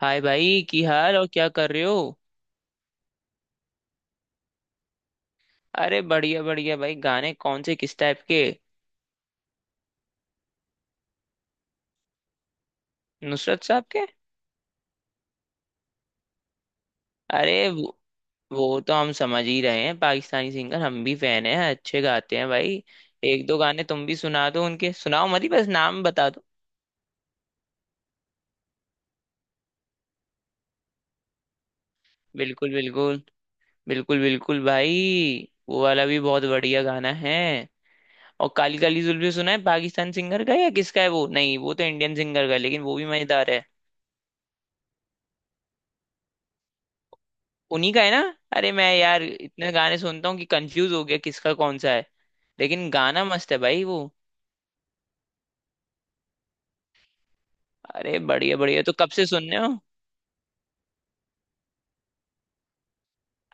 हाय भाई, की हाल और क्या कर रहे हो? अरे बढ़िया बढ़िया भाई, गाने कौन से किस टाइप के? नुसरत साहब के। अरे वो तो हम समझ ही रहे हैं, पाकिस्तानी सिंगर हम भी फैन हैं, अच्छे गाते हैं भाई। एक दो गाने तुम भी सुना दो उनके, सुनाओ मत ही, बस नाम बता दो। बिल्कुल बिल्कुल। बिल्कुल बिल्कुल भाई, वो वाला भी बहुत बढ़िया गाना है। और काली काली जुल्फी सुना है पाकिस्तान सिंगर का, या किसका है वो? नहीं, वो तो इंडियन सिंगर का है, लेकिन वो भी मजेदार है। उन्हीं का है ना। अरे मैं यार इतने गाने सुनता हूँ कि कंफ्यूज हो गया किसका कौन सा है। लेकिन गाना मस्त है भाई वो। अरे बढ़िया बढ़िया, तो कब से सुन रहे हो?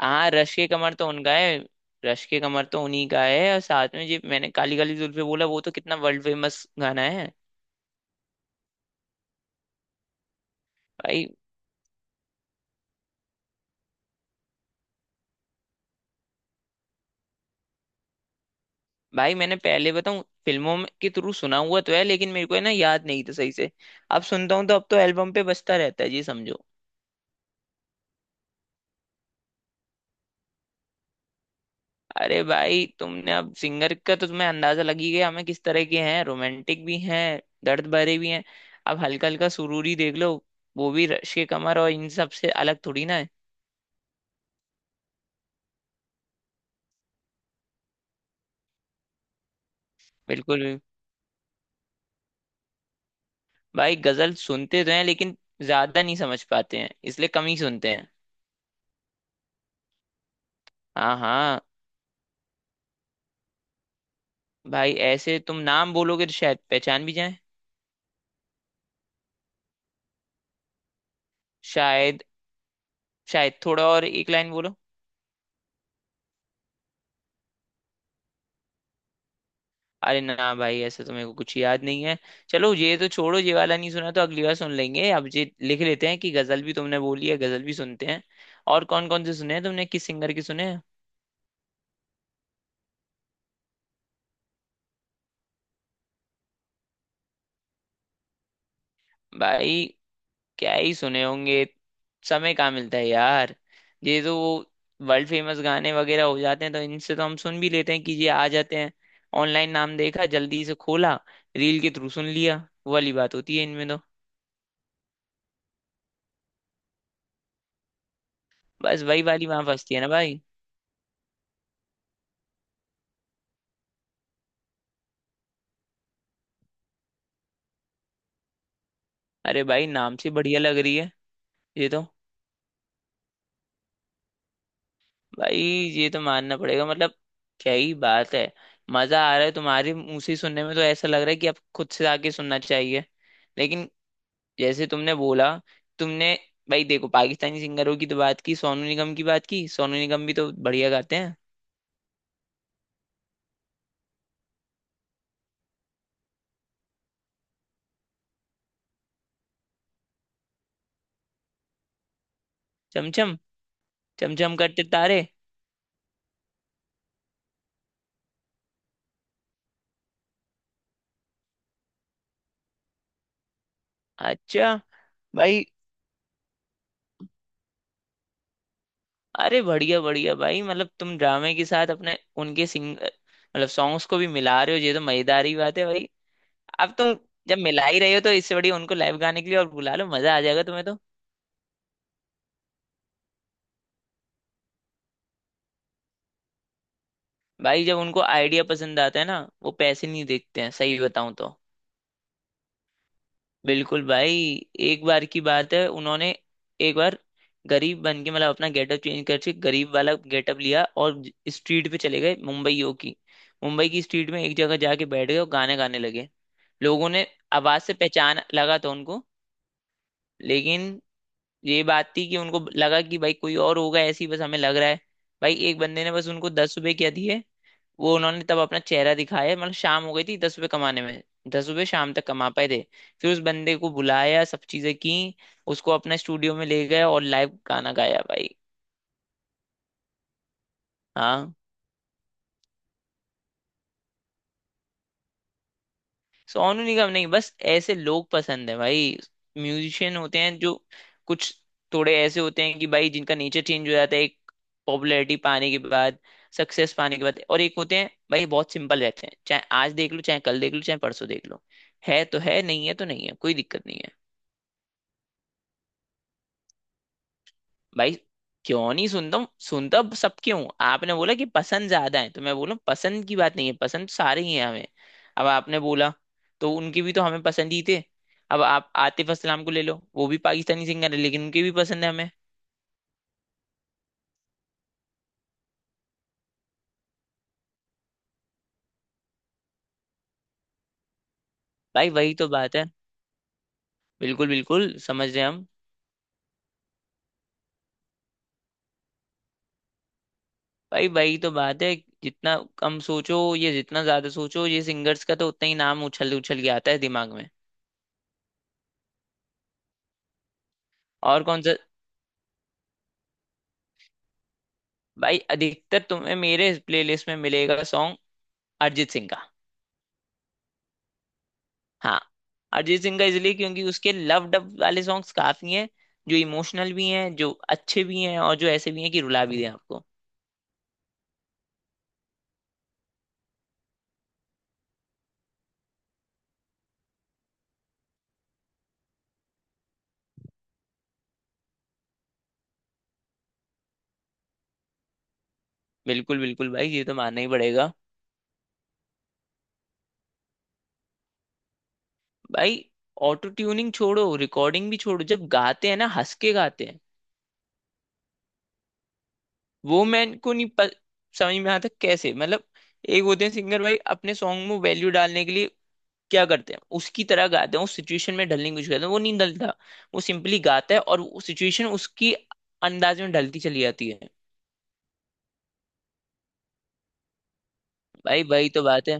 हाँ, रश के कमर तो उनका है। रश के कमर तो उन्हीं का है, और साथ में जी मैंने काली काली जुल्फे बोला, वो तो कितना वर्ल्ड फेमस गाना है। भाई, भाई मैंने पहले बताऊं फिल्मों में के थ्रू सुना हुआ तो है, लेकिन मेरे को है ना याद नहीं था सही से। अब सुनता हूँ तो अब तो एल्बम पे बजता रहता है जी समझो। अरे भाई, तुमने अब सिंगर का तो तुम्हें अंदाजा लग ही गया, हमें किस तरह के हैं, रोमांटिक भी हैं, दर्द भरे भी हैं। अब हल्का हल्का सुरूरी देख लो, वो भी रश के कमर और इन सब से अलग थोड़ी ना है। बिल्कुल भी। भाई गजल सुनते तो हैं, लेकिन ज्यादा नहीं समझ पाते हैं इसलिए कम ही सुनते हैं। हाँ हाँ। भाई ऐसे तुम नाम बोलोगे तो शायद पहचान भी जाए। शायद। शायद थोड़ा और एक लाइन बोलो। अरे ना भाई, ऐसा तो मेरे को कुछ याद नहीं है। चलो ये तो छोड़ो, ये वाला नहीं सुना तो अगली बार सुन लेंगे, अब ये लिख लेते हैं कि गजल भी तुमने बोली है, गजल भी सुनते हैं। और कौन कौन से सुने हैं तुमने, किस सिंगर के सुने हैं? भाई क्या ही सुने होंगे, समय कहाँ मिलता है यार। ये तो वो वर्ल्ड फेमस गाने वगैरह हो जाते हैं, तो इनसे तो हम सुन भी लेते हैं कि ये आ जाते हैं। ऑनलाइन नाम देखा, जल्दी से खोला, रील के थ्रू सुन लिया, वो वाली बात होती है इनमें तो। बस वही वाली वहां फंसती है ना भाई। अरे भाई नाम से बढ़िया लग रही है। ये तो, भाई ये तो मानना पड़ेगा, मतलब क्या ही बात है। मजा आ रहा है तुम्हारे मुंह से ही सुनने में, तो ऐसा लग रहा है कि अब खुद से आके सुनना चाहिए। लेकिन जैसे तुमने बोला, तुमने, भाई देखो पाकिस्तानी सिंगरों की तो बात की, सोनू निगम की बात की, सोनू निगम भी तो बढ़िया गाते हैं। चमचम। चमचम करते तारे। अच्छा। भाई अरे बढ़िया बढ़िया भाई, मतलब तुम ड्रामे के साथ अपने उनके सिंग, मतलब सॉन्ग्स को भी मिला रहे हो, ये तो मजेदार ही बात है भाई। अब तुम जब मिला ही रहे हो, तो इससे बढ़िया उनको लाइव गाने के लिए और बुला लो, मजा आ जाएगा तुम्हें तो। भाई जब उनको आइडिया पसंद आता है ना, वो पैसे नहीं देखते हैं, सही बताऊं तो। बिल्कुल भाई। एक बार की बात है, उन्होंने एक बार गरीब बन के, मतलब अपना गेटअप चेंज करके गरीब वाला गेटअप लिया, और स्ट्रीट पे चले गए मुंबईयों की, मुंबई की स्ट्रीट में एक जगह जाके बैठ गए और गाने गाने लगे। लोगों ने आवाज से पहचान लगा था उनको, लेकिन ये बात थी कि उनको लगा कि भाई कोई और होगा, ऐसी बस हमें लग रहा है। भाई एक बंदे ने बस उनको 10 रुपए क्या दिए, वो उन्होंने तब अपना चेहरा दिखाया, मतलब शाम हो गई थी 10 रुपए कमाने में। 10 रुपए शाम तक कमा पाए थे। फिर उस बंदे को बुलाया, सब चीजें की, उसको अपना स्टूडियो में ले गए और लाइव गाना गाया भाई। हाँ। सोनू निगम नहीं, बस ऐसे लोग पसंद है भाई, म्यूजिशियन होते हैं जो कुछ थोड़े ऐसे होते हैं कि भाई जिनका नेचर चेंज हो जाता है एक पॉपुलैरिटी पाने के बाद, सक्सेस पाने के बाद, और एक होते हैं भाई बहुत सिंपल रहते हैं, चाहे आज देख लो चाहे कल देख लो चाहे परसों देख लो, है तो है, नहीं है तो नहीं है, कोई दिक्कत नहीं है। भाई क्यों नहीं सुनता हूँ, सुनता सबके हूँ। आपने बोला कि पसंद ज्यादा है, तो मैं बोला पसंद की बात नहीं है, पसंद तो सारे ही हैं हमें। अब आपने बोला तो उनके भी तो हमें पसंद ही थे। अब आप आतिफ असलाम को ले लो, वो भी पाकिस्तानी सिंगर है लेकिन उनके भी पसंद है हमें। भाई वही तो बात है। बिल्कुल बिल्कुल, समझ रहे हैं हम। भाई वही तो बात है, जितना कम सोचो ये जितना ज्यादा सोचो ये सिंगर्स का, तो उतना ही नाम उछल उछल के आता है दिमाग में। और कौन सा? भाई अधिकतर तुम्हें मेरे प्लेलिस्ट में मिलेगा सॉन्ग अरिजीत सिंह का। हाँ। अरिजीत सिंह का इसलिए, क्योंकि उसके लव डब वाले सॉन्ग्स काफी हैं, जो इमोशनल भी हैं, जो अच्छे भी हैं, और जो ऐसे भी हैं कि रुला भी दें आपको। बिल्कुल बिल्कुल भाई, ये तो मानना ही पड़ेगा। भाई ऑटो ट्यूनिंग छोड़ो, रिकॉर्डिंग भी छोड़ो, जब गाते हैं ना हंस के गाते हैं। वो मैं को नहीं प, समझ में आता कैसे, मतलब एक होते हैं सिंगर भाई अपने सॉन्ग में वैल्यू डालने के लिए क्या करते हैं, उसकी तरह गाते हैं, उस सिचुएशन में ढलने की कोशिश करते हैं, वो नहीं ढलता। वो सिंपली गाता है और वो सिचुएशन उसकी अंदाज में ढलती चली जाती है। भाई वही तो बात है।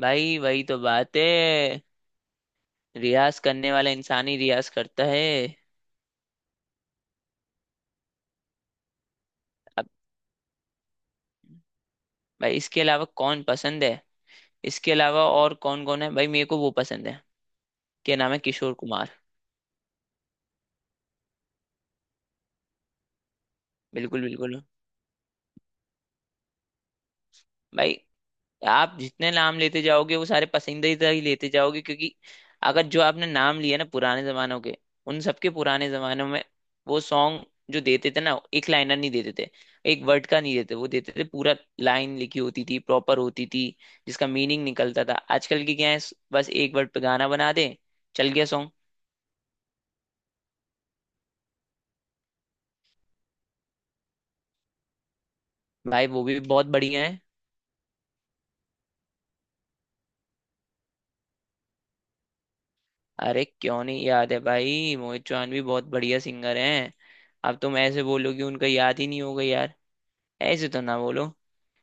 भाई वही तो बात है, रियाज करने वाला इंसान ही रियाज करता है। अब, भाई इसके अलावा कौन पसंद है, इसके अलावा और कौन कौन है, भाई मेरे को वो पसंद है, क्या नाम है, किशोर कुमार। बिल्कुल बिल्कुल भाई, आप जितने नाम लेते जाओगे वो सारे पसंदीदा ही लेते जाओगे, क्योंकि अगर जो आपने नाम लिया ना पुराने जमानों के, उन सबके पुराने जमानों में वो सॉन्ग जो देते थे ना, एक लाइनर नहीं देते थे, एक वर्ड का नहीं देते, वो देते थे पूरा, लाइन लिखी होती थी, प्रॉपर होती थी, जिसका मीनिंग निकलता था। आजकल की क्या है, बस एक वर्ड पे गाना बना दे, चल गया सॉन्ग। भाई वो भी बहुत बढ़िया है। अरे क्यों नहीं याद है भाई, मोहित चौहान भी बहुत बढ़िया सिंगर हैं। अब तुम ऐसे बोलोगे उनका याद ही नहीं होगा यार, ऐसे तो ना बोलो।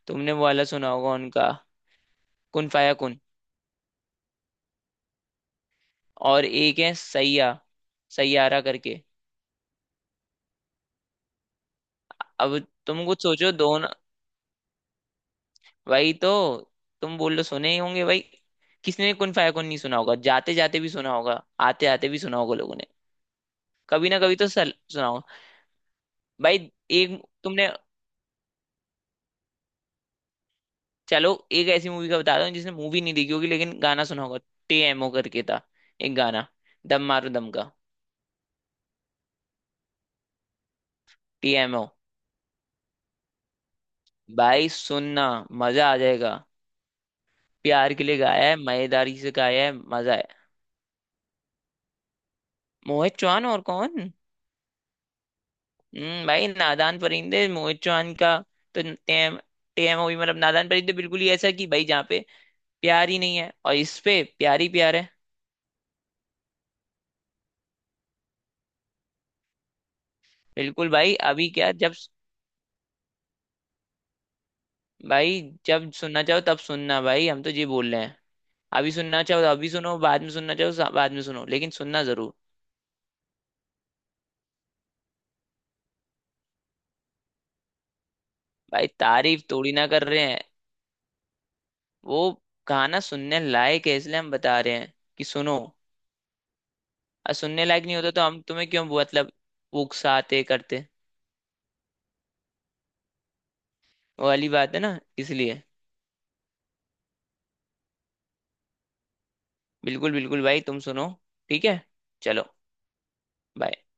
तुमने वो वाला सुना होगा उनका, कुन फाया कुन। और एक है सैया, सैयारा करके। अब तुम कुछ सोचो दोनों, भाई तो, तुम बोल रहे सुने ही होंगे भाई, किसने कुन फाया कुन नहीं सुना होगा, जाते जाते भी सुना होगा, आते आते भी सुना होगा लोगों ने। कभी ना कभी तो सुना होगा। भाई एक तुमने। चलो एक ऐसी मूवी का बता दो जिसने मूवी नहीं देखी होगी लेकिन गाना सुना होगा। टीएमओ करके था एक गाना, दम मारो दम का। टीएमओ। भाई सुनना, मजा आ जाएगा, प्यार के लिए गाया है, मयेदारी से गाया है, मजा है। मोहित चौहान, और कौन। हम्म, भाई नादान परिंदे मोहित चौहान का तो, टेम टेम हुई मतलब, नादान परिंदे बिल्कुल ही ऐसा कि भाई जहाँ पे प्यार ही नहीं है और इस पे प्यार ही प्यार है। बिल्कुल भाई, अभी क्या जब, भाई जब सुनना चाहो तब सुनना, भाई हम तो ये बोल रहे हैं, अभी सुनना चाहो तो अभी सुनो, बाद में सुनना चाहो तो बाद में सुनो, लेकिन सुनना जरूर। भाई तारीफ थोड़ी ना कर रहे हैं, वो गाना सुनने लायक है इसलिए हम बता रहे हैं कि सुनो। और सुनने लायक नहीं होता तो हम तुम्हें क्यों वो, मतलब उकसाते करते, वो वाली बात है ना, इसलिए। बिल्कुल बिल्कुल भाई, तुम सुनो। ठीक है। चलो bye।